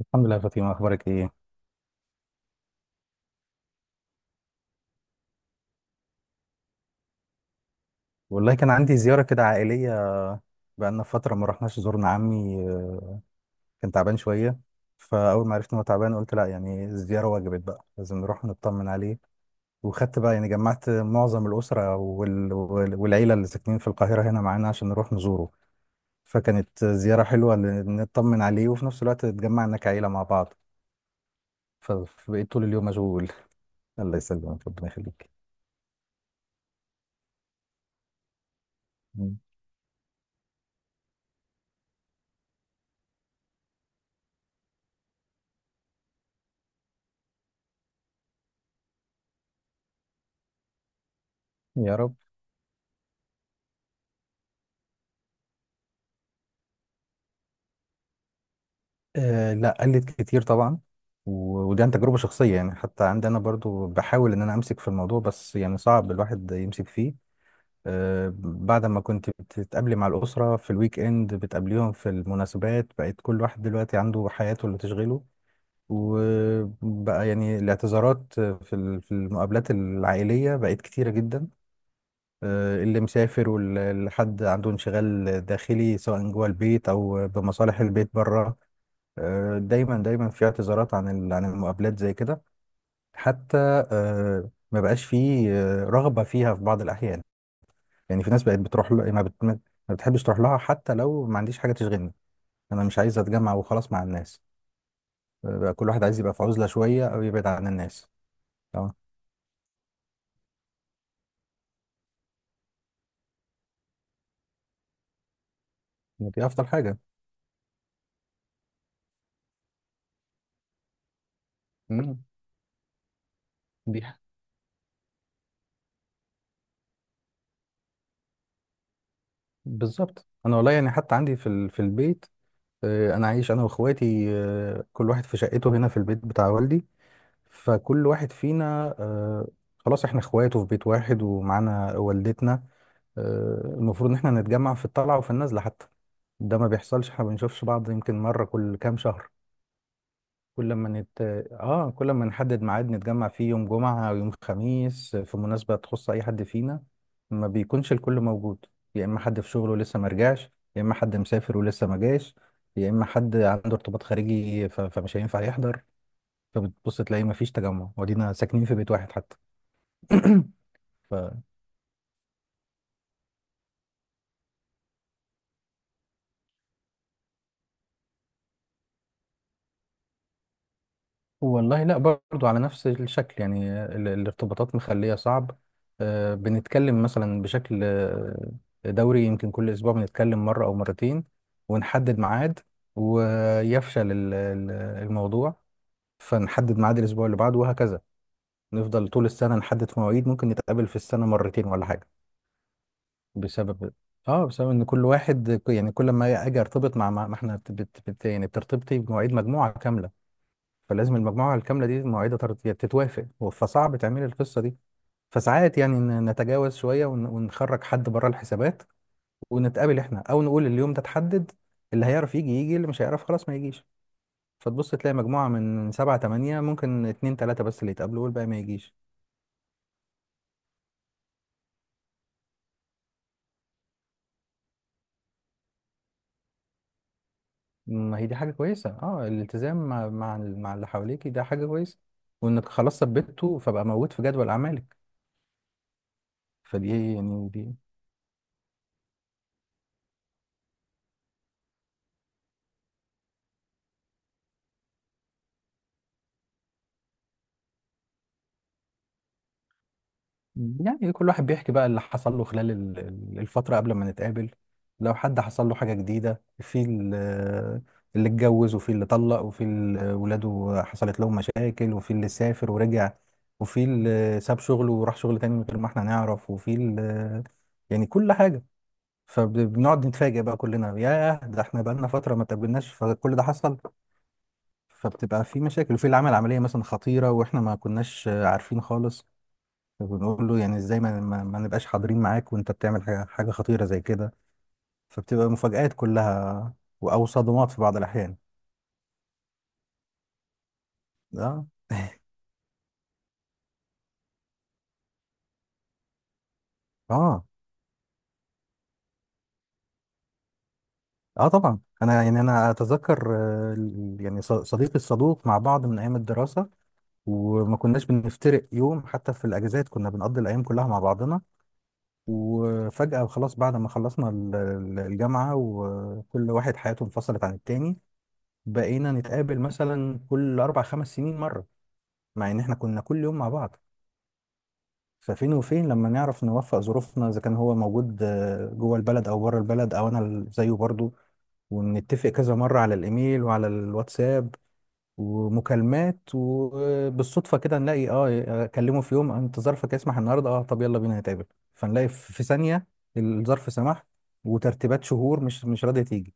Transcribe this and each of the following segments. الحمد لله يا فاطمة، أخبارك إيه؟ والله كان عندي زيارة كده عائلية. بقالنا فترة ما رحناش زورنا عمي. كان تعبان شوية. فأول ما عرفت إن هو تعبان قلت لأ، يعني الزيارة وجبت بقى لازم نروح نطمن عليه. وخدت بقى يعني جمعت معظم الأسرة والعيلة اللي ساكنين في القاهرة هنا معانا عشان نروح نزوره. فكانت زيارة حلوة نطمن عليه وفي نفس الوقت اتجمعنا كعيلة مع بعض. فبقيت طول اليوم مشغول. الله يسلمك، ربنا يخليك. مم. يا رب. آه، لا، قلت كتير طبعا. ودي عن تجربة شخصية، يعني حتى عندي أنا برضو بحاول إن أنا أمسك في الموضوع، بس يعني صعب الواحد يمسك فيه. آه، بعد ما كنت بتتقابلي مع الأسرة في الويك إند بتقابليهم في المناسبات، بقت كل واحد دلوقتي عنده حياته اللي تشغله. وبقى يعني الاعتذارات في المقابلات العائلية بقت كتيرة جدا. اللي مسافر واللي حد عنده انشغال داخلي سواء جوه البيت أو بمصالح البيت بره. دايما دايما في اعتذارات عن المقابلات زي كده حتى. ما بقاش في رغبة فيها في بعض الأحيان. يعني في ناس بقت بتروح ل... ما, بت... ما بتحبش تروح لها حتى لو ما عنديش حاجة تشغلني. أنا مش عايز أتجمع وخلاص مع الناس. بقى كل واحد عايز يبقى في عزلة شوية أو يبعد عن الناس. تمام، دي أفضل حاجة. مم. دي ح- بالظبط، أنا والله يعني حتى عندي في البيت. أنا عايش أنا وإخواتي، كل واحد في شقته هنا في البيت بتاع والدي. فكل واحد فينا، خلاص احنا اخواته في بيت واحد ومعانا والدتنا. المفروض ان احنا نتجمع في الطلعة وفي النزلة حتى. ده ما بيحصلش، احنا ما بنشوفش بعض يمكن مرة كل كام شهر. كل ما نت... اه كل ما نحدد ميعاد نتجمع فيه يوم جمعة او يوم خميس في مناسبة تخص اي حد فينا ما بيكونش الكل موجود. يا اما حد في شغله ولسه ما رجعش، يا اما حد مسافر ولسه ما جاش، يا اما حد عنده ارتباط خارجي فمش هينفع يحضر. فبتبص تلاقي مفيش تجمع ودينا ساكنين في بيت واحد حتى. ف والله لا، برضو على نفس الشكل. يعني الارتباطات مخلية صعب. بنتكلم مثلا بشكل، دوري، يمكن كل أسبوع بنتكلم مرة أو مرتين، ونحدد ميعاد، ويفشل الموضوع. فنحدد ميعاد الأسبوع اللي بعده وهكذا. نفضل طول السنة نحدد في مواعيد، ممكن نتقابل في السنة مرتين ولا حاجة. بسبب اه بسبب ان كل واحد، يعني كل ما اجي ارتبط ما احنا يعني بترتبطي بمواعيد مجموعه كامله. فلازم المجموعه الكامله دي مواعيدها تتوافق، فصعب تعملي القصه دي. فساعات يعني نتجاوز شويه ونخرج حد بره الحسابات، ونتقابل احنا او نقول اليوم ده اتحدد، اللي هيعرف يجي يجي، اللي مش هيعرف خلاص ما يجيش. فتبص تلاقي مجموعه من سبعة تمانية ممكن اتنين تلاته بس اللي يتقابلوا والباقي ما يجيش. ما هي دي حاجة كويسة، اه، الالتزام مع مع اللي حواليك ده حاجة كويسة، وانك خلاص ثبته فبقى موجود في جدول اعمالك. فدي يعني دي يعني كل واحد بيحكي بقى اللي حصل له خلال الفترة قبل ما نتقابل. لو حد حصل له حاجة جديدة اللي اتجوز، وفي اللي طلق، وفي اللي ولاده حصلت لهم مشاكل، وفي اللي سافر ورجع، وفي اللي ساب شغله وراح شغل تاني من غير ما احنا نعرف، وفي اللي يعني كل حاجة. فبنقعد نتفاجئ بقى كلنا، ياه، ده احنا بقالنا فترة ما اتقابلناش فكل ده حصل. فبتبقى في مشاكل، وفي اللي عمل عملية مثلا خطيرة واحنا ما كناش عارفين خالص. فبنقول له يعني ازاي ما نبقاش حاضرين معاك وانت بتعمل حاجة خطيرة زي كده. فبتبقى مفاجآت كلها، او صدمات في بعض الأحيان. اه، اه، اه، طبعا. انا يعني انا اتذكر، صديقي الصدوق مع بعض من ايام الدراسة، وما كناش بنفترق يوم حتى في الاجازات، كنا بنقضي الايام كلها مع بعضنا. وفجأة خلاص بعد ما خلصنا الجامعة وكل واحد حياته انفصلت عن التاني، بقينا نتقابل مثلا كل أربع خمس سنين مرة، مع إن إحنا كنا كل يوم مع بعض. ففين وفين لما نعرف نوفق ظروفنا إذا كان هو موجود، جوه البلد أو بره البلد، أو أنا زيه برضه. ونتفق كذا مرة على الإيميل وعلى الواتساب ومكالمات، وبالصدفه كده نلاقي، اكلمه في يوم، انت ظرفك يسمح النهارده، طب يلا بينا نتقابل. فنلاقي في ثانيه الظرف سمح، وترتيبات شهور مش راضيه تيجي.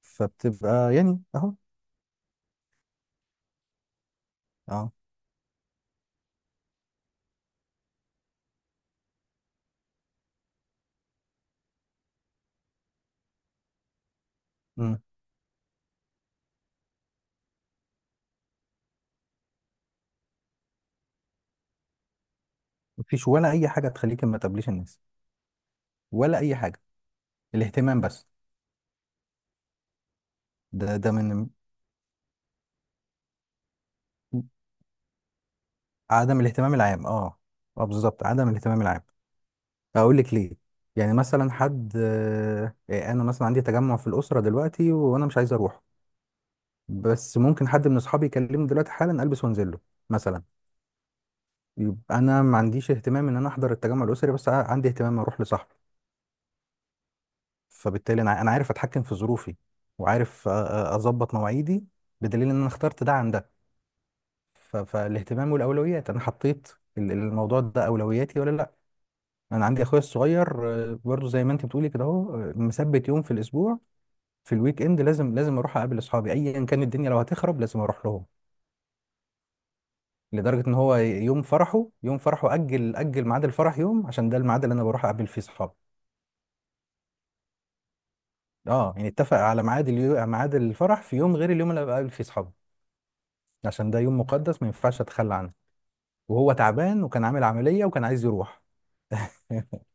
فبتبقى يعني اهو. اه امم مفيش ولا اي حاجه تخليك ما تقابليش الناس، ولا اي حاجه. الاهتمام بس. ده من عدم الاهتمام العام، اه. اه، بالظبط، عدم الاهتمام العام. اقول لك ليه. يعني مثلا حد، انا مثلا عندي تجمع في الاسره دلوقتي وانا مش عايز اروح، بس ممكن حد من اصحابي يكلمني دلوقتي حالا البس وانزل له مثلا. يبقى انا ما عنديش اهتمام ان انا احضر التجمع الاسري، بس عندي اهتمام اروح لصاحبي. فبالتالي انا عارف اتحكم في ظروفي، وعارف اظبط مواعيدي، بدليل ان انا اخترت ده عن ده. فالاهتمام والاولويات، انا حطيت الموضوع ده اولوياتي ولا لا. انا عندي اخويا الصغير، برضه زي ما انت بتقولي كده اهو، مثبت يوم في الاسبوع في الويك اند لازم لازم اروح اقابل اصحابي ايا كان الدنيا، لو هتخرب لازم اروح لهم. لدرجة ان هو يوم فرحه، يوم فرحه اجل اجل ميعاد الفرح يوم، عشان ده الميعاد اللي انا بروح اقابل فيه صحابي. اه يعني اتفق على ميعاد الفرح في يوم غير اليوم اللي بقابل فيه صحابي، عشان ده يوم مقدس ما ينفعش اتخلى عنه. وهو تعبان وكان عامل عملية وكان عايز يروح.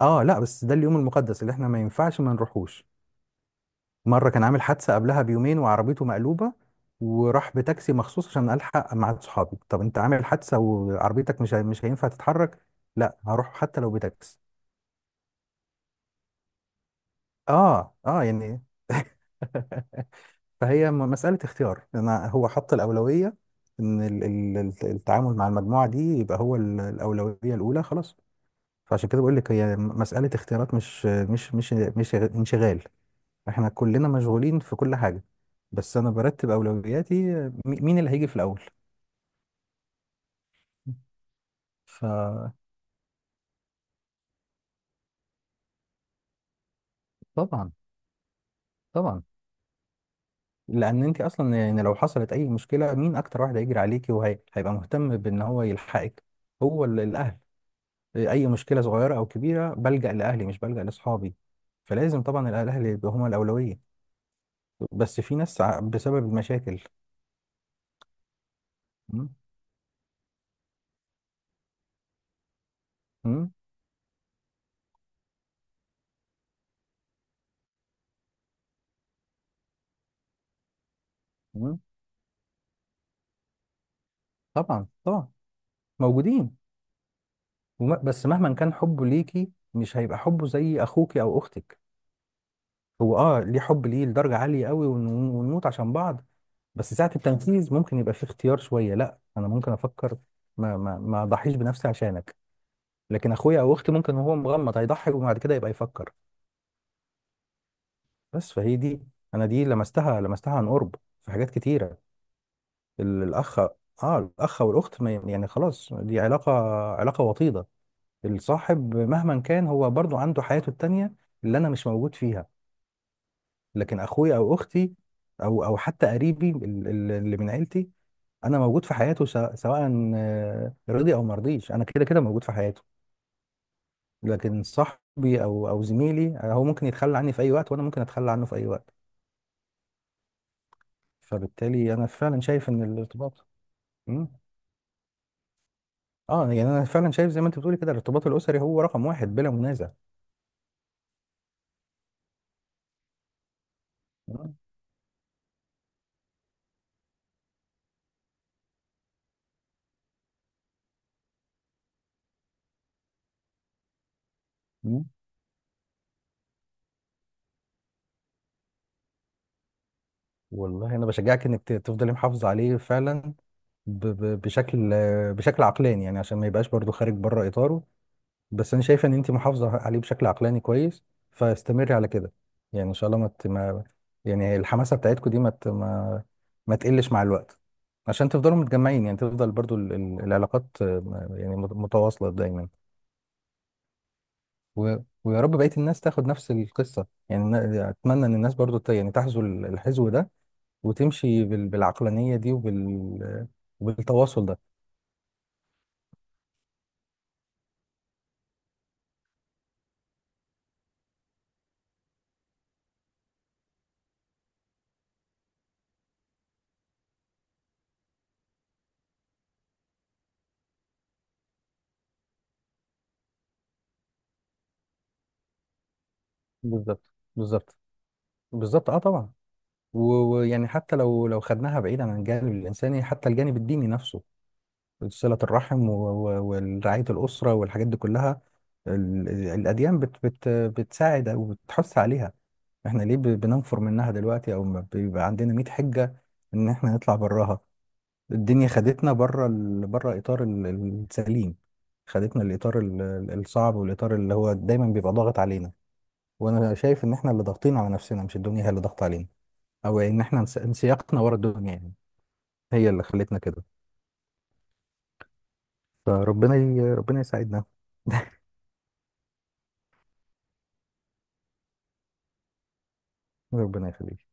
اه، لا، بس ده اليوم المقدس اللي احنا ما ينفعش ما نروحوش. مرة كان عامل حادثة قبلها بيومين وعربيته مقلوبة، وراح بتاكسي مخصوص عشان الحق مع صحابي. طب انت عامل حادثة وعربيتك مش هينفع تتحرك. لا، هروح حتى لو بتاكسي. اه، اه، يعني فهي مسألة اختيار. انا هو حط الأولوية ان التعامل مع المجموعة دي يبقى هو الأولوية الأولى خلاص. فعشان كده بقول لك هي مسألة اختيارات، مش انشغال. احنا كلنا مشغولين في كل حاجة، بس انا برتب أولوياتي، مين اللي هيجي في الأول. طبعا طبعا. لان انت اصلا يعني لو حصلت اي مشكله، مين اكتر واحد هيجري عليكي وهيبقى مهتم بان هو يلحقك؟ هو الاهل. اي مشكله صغيره او كبيره بلجأ لاهلي مش بلجأ لاصحابي. فلازم طبعا الاهل يبقى هما الاولويه. بس في ناس بسبب المشاكل. م؟ م؟ م؟ طبعا طبعا، موجودين. بس مهما كان حبه ليكي مش هيبقى حبه زي اخوك او اختك. هو، اه، ليه حب، ليه لدرجه عاليه قوي، ونموت عشان بعض. بس ساعه التنفيذ ممكن يبقى فيه اختيار شويه، لا انا ممكن افكر، ما اضحيش بنفسي عشانك. لكن اخويا او اختي ممكن وهو مغمض هيضحي وبعد كده يبقى يفكر. بس فهي دي، انا دي لمستها لمستها عن قرب في حاجات كتيره. الاخ. اه، الاخ والاخت، ما- يعني خلاص دي علاقه، علاقه وطيده. الصاحب مهما كان هو برضو عنده حياته التانية اللي انا مش موجود فيها. لكن اخويا او اختي او او حتى قريبي اللي من عيلتي، انا موجود في حياته سواء سواء، رضي او مرضيش، انا كده كده موجود في حياته. لكن صاحبي او زميلي، هو ممكن يتخلى عني في اي وقت وانا ممكن اتخلى عنه في اي وقت. فبالتالي انا فعلا شايف ان الارتباط. مم. اه، يعني انا فعلا شايف زي ما انت بتقولي كده، الارتباط الاسري هو رقم واحد بلا منازع. مم. مم. والله انا بشجعك انك تفضلي محافظه عليه فعلا، ب ب بشكل، بشكل عقلاني، يعني عشان ما يبقاش برضو خارج بره اطاره. بس انا شايف ان انت محافظه عليه بشكل عقلاني كويس، فاستمري على كده. يعني ان شاء الله ما ت- ما يعني الحماسه بتاعتكم دي ما ت- ما ما تقلش مع الوقت، عشان تفضلوا متجمعين، يعني تفضل برضو العلاقات، يعني متواصله دايما. و... ويا رب بقية الناس تاخد نفس القصة. يعني أنا أتمنى إن الناس برضو يعني تحذو الحذو ده، وتمشي بالعقلانية دي وبالتواصل ده. بالظبط، بالظبط، بالظبط، اه طبعا. و- ويعني حتى لو خدناها بعيد عن الجانب الإنساني، حتى الجانب الديني نفسه، صلة الرحم ورعاية الأسرة والحاجات دي كلها. الأديان بتساعد وبتحث عليها. احنا ليه بننفر منها دلوقتي، او ما بيبقى عندنا 100 حجة ان احنا نطلع براها. الدنيا خدتنا بره بره اطار السليم، خدتنا الاطار الصعب والاطار اللي هو دايما بيبقى ضاغط علينا. وانا شايف ان احنا اللي ضاغطين على نفسنا مش الدنيا هي اللي ضاغطه علينا، او ان احنا انسياقنا ورا الدنيا يعني هي اللي خلتنا كده. فربنا ربنا يساعدنا. ربنا يخليك.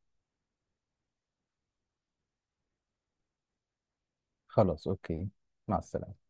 خلاص، اوكي. مع السلامه.